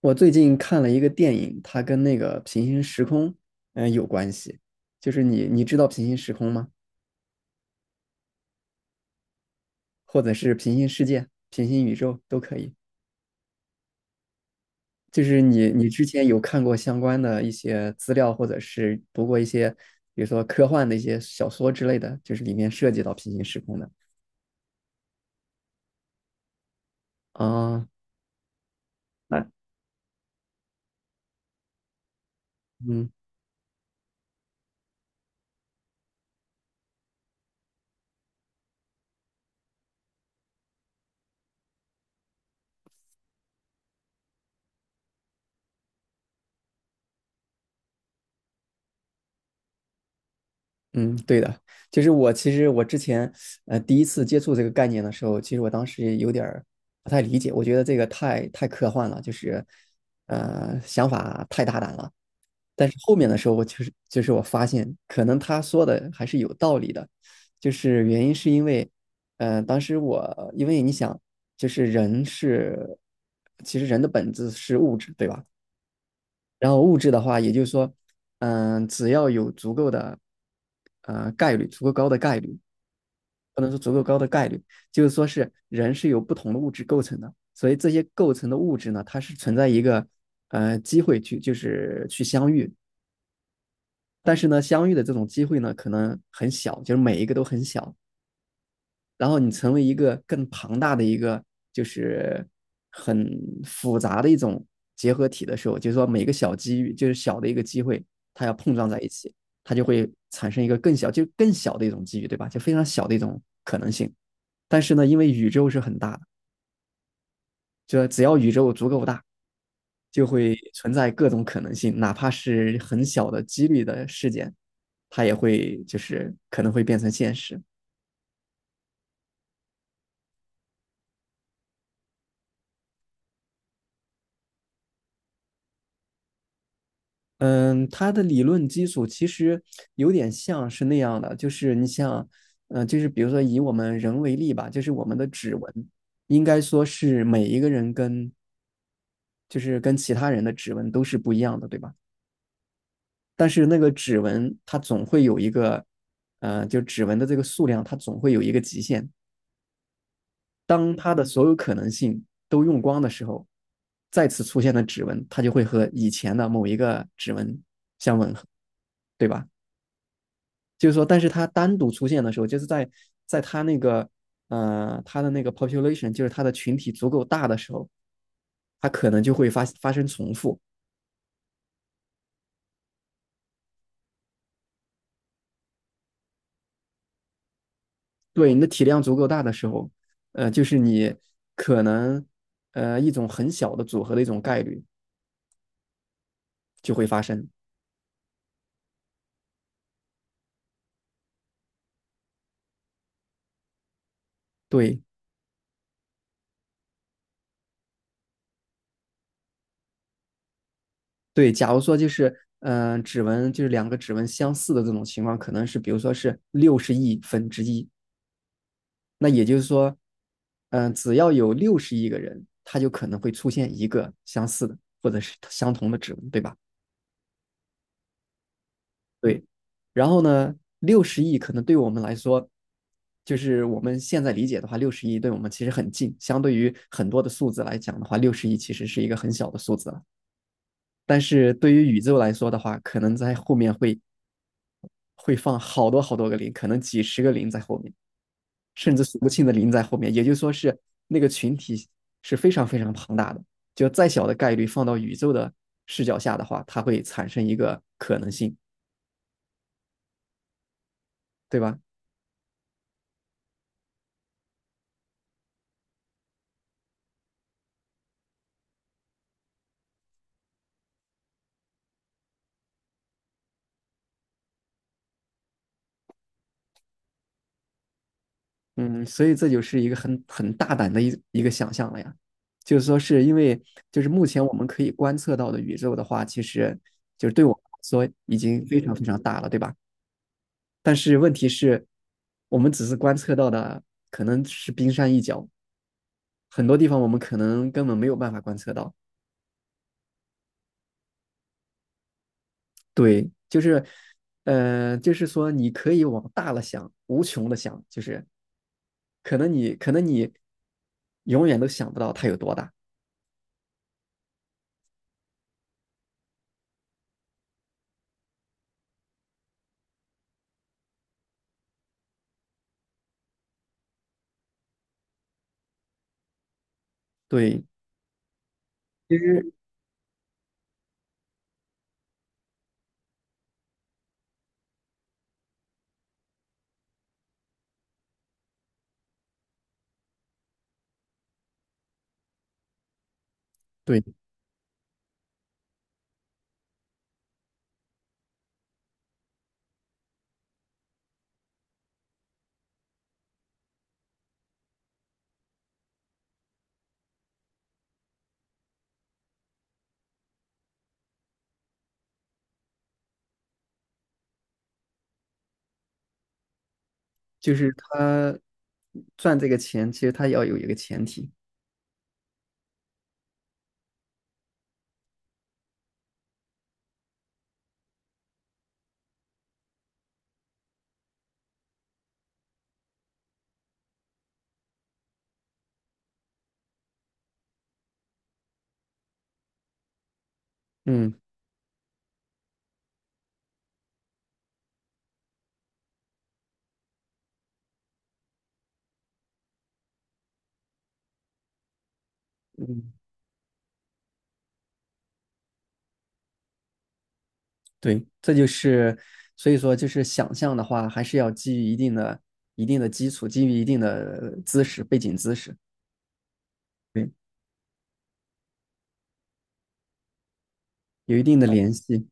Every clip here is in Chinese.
我最近看了一个电影，它跟那个平行时空，有关系。就是你知道平行时空吗？或者是平行世界、平行宇宙都可以。就是你之前有看过相关的一些资料，或者是读过一些，比如说科幻的一些小说之类的，就是里面涉及到平行时空的啊。那嗯，嗯，对的。就是我其实我之前第一次接触这个概念的时候，其实我当时也有点儿不太理解，我觉得这个太科幻了，就是想法太大胆了。但是后面的时候，我就是我发现，可能他说的还是有道理的，就是原因是因为，当时我因为你想，就是其实人的本质是物质，对吧？然后物质的话，也就是说，只要有足够的概率，足够高的概率，不能说足够高的概率，就是说是人是由不同的物质构成的，所以这些构成的物质呢，它是存在一个机会去就是去相遇，但是呢，相遇的这种机会呢，可能很小，就是每一个都很小，然后你成为一个更庞大的一个，就是很复杂的一种结合体的时候，就是说每个小机遇，就是小的一个机会，它要碰撞在一起，它就会产生一个更小，就更小的一种机遇，对吧？就非常小的一种可能性。但是呢，因为宇宙是很大的，就只要宇宙足够大，就会存在各种可能性，哪怕是很小的几率的事件，它也会就是可能会变成现实。嗯，它的理论基础其实有点像是那样的，就是你像，嗯，就是比如说以我们人为例吧，就是我们的指纹，应该说是每一个人跟就是跟其他人的指纹都是不一样的，对吧？但是那个指纹它总会有一个，就指纹的这个数量它总会有一个极限。当它的所有可能性都用光的时候，再次出现的指纹它就会和以前的某一个指纹相吻合，对吧？就是说，但是它单独出现的时候，就是在在它那个它的那个 population,就是它的群体足够大的时候，它可能就会发生重复。对，你的体量足够大的时候，就是你可能一种很小的组合的一种概率就会发生。对对，假如说就是指纹就是两个指纹相似的这种情况，可能是比如说是六十亿分之一。那也就是说，只要有六十亿个人，他就可能会出现一个相似的或者是相同的指纹，对吧？对。然后呢，六十亿可能对我们来说，就是我们现在理解的话，六十亿对我们其实很近，相对于很多的数字来讲的话，六十亿其实是一个很小的数字了。但是对于宇宙来说的话，可能在后面会会放好多好多个零，可能几十个零在后面。甚至数不清的零在后面，也就是说是那个群体是非常非常庞大的。就再小的概率放到宇宙的视角下的话，它会产生一个可能性，对吧？嗯，所以这就是一个很大胆的一个想象了呀。就是说，是因为就是目前我们可以观测到的宇宙的话，其实就是对我们来说已经非常非常大了，对吧？但是问题是，我们只是观测到的可能是冰山一角，很多地方我们可能根本没有办法观测到。对，就是，就是说你可以往大了想，无穷的想，就是可能你永远都想不到它有多大。对对，就是他赚这个钱，其实他要有一个前提。嗯嗯，对，这就是所以说就是想象的话，还是要基于一定的一定的基础，基于一定的知识背景知识，对，有一定的联系。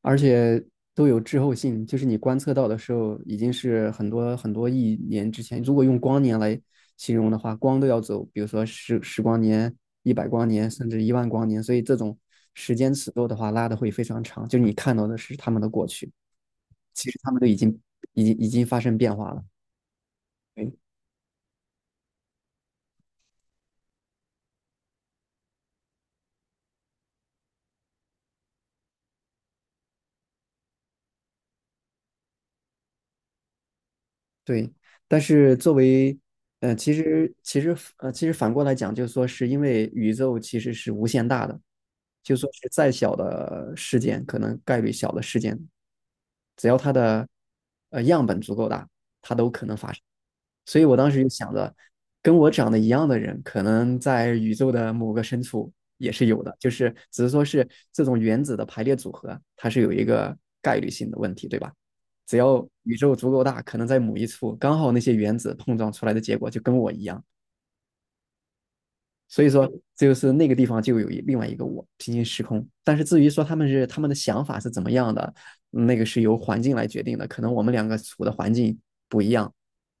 而且都有滞后性，就是你观测到的时候，已经是很多很多亿年之前。如果用光年来形容的话，光都要走，比如说十光年、100光年，甚至1万光年。所以这种时间尺度的话，拉的会非常长。就是你看到的是他们的过去，其实他们都已经发生变化了。对对，但是作为，其实其实反过来讲，就是说是因为宇宙其实是无限大的，就说是再小的事件，可能概率小的事件，只要它的样本足够大，所以我当时就想着，跟我长得一样的人，可能在宇宙的某个深处也是有的，就是只是说是这种原子的排列组合，它是有一个概率性的问题，对吧？只要宇宙足够大，可能在某一处刚好那些原子碰撞出来的结果就跟我一样，所以说，就是那个地方就有一另外一个我，平行时空。但是至于说他们是他们的想法是怎么样的，那个是由环境来决定的。可能我们两个处的环境不一样，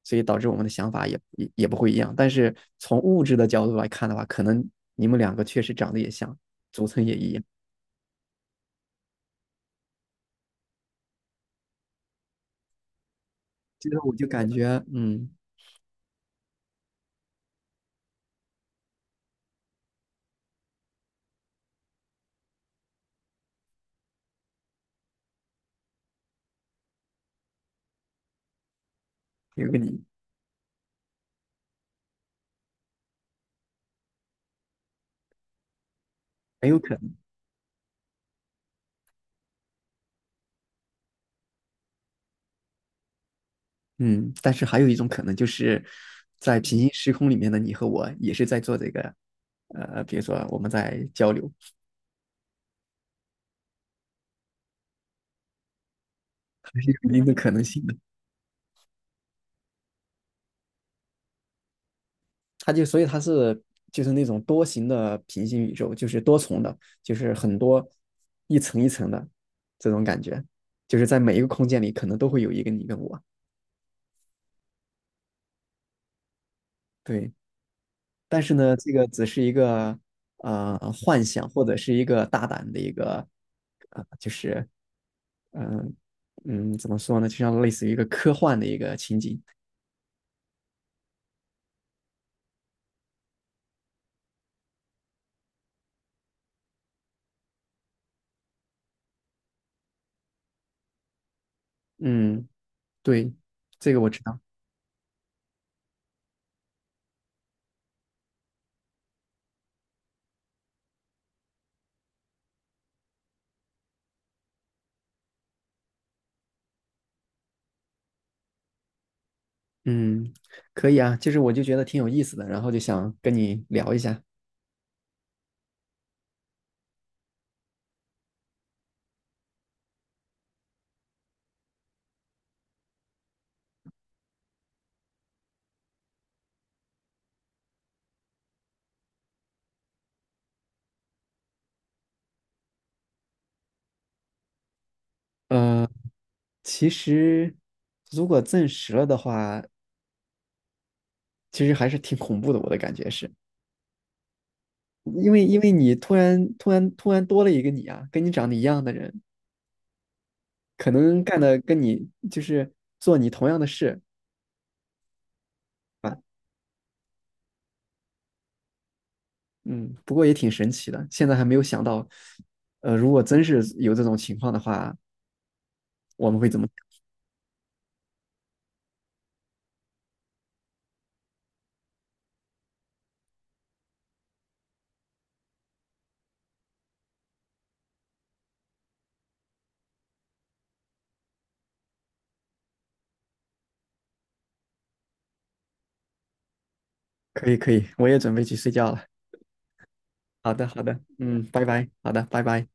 所以导致我们的想法也不会一样。但是从物质的角度来看的话，可能你们两个确实长得也像，组成也一样。这个我就感觉，嗯，有个你很有可能，嗯。但是还有一种可能就是在平行时空里面的你和我也是在做这个，比如说我们在交流。肯定的可能性的。所以它是就是那种多形的平行宇宙，就是多重的，就是很多一层一层的这种感觉，就是在每一个空间里可能都会有一个你跟我。对，但是呢，这个只是一个幻想或者是一个大胆的一个呃，就是嗯、呃怎么说呢，就像类似于一个科幻的一个情景。嗯，对，这个我知道。嗯，可以啊，就是我就觉得挺有意思的，然后就想跟你聊一下。呃，其实如果证实了的话，其实还是挺恐怖的，我的感觉是，因为你突然多了一个你啊，跟你长得一样的人，可能干的跟你就是做你同样的事啊，嗯，不过也挺神奇的，现在还没有想到，如果真是有这种情况的话，我们会怎么？可以可以，我也准备去睡觉了。好的好的，嗯，拜拜，好的，拜拜。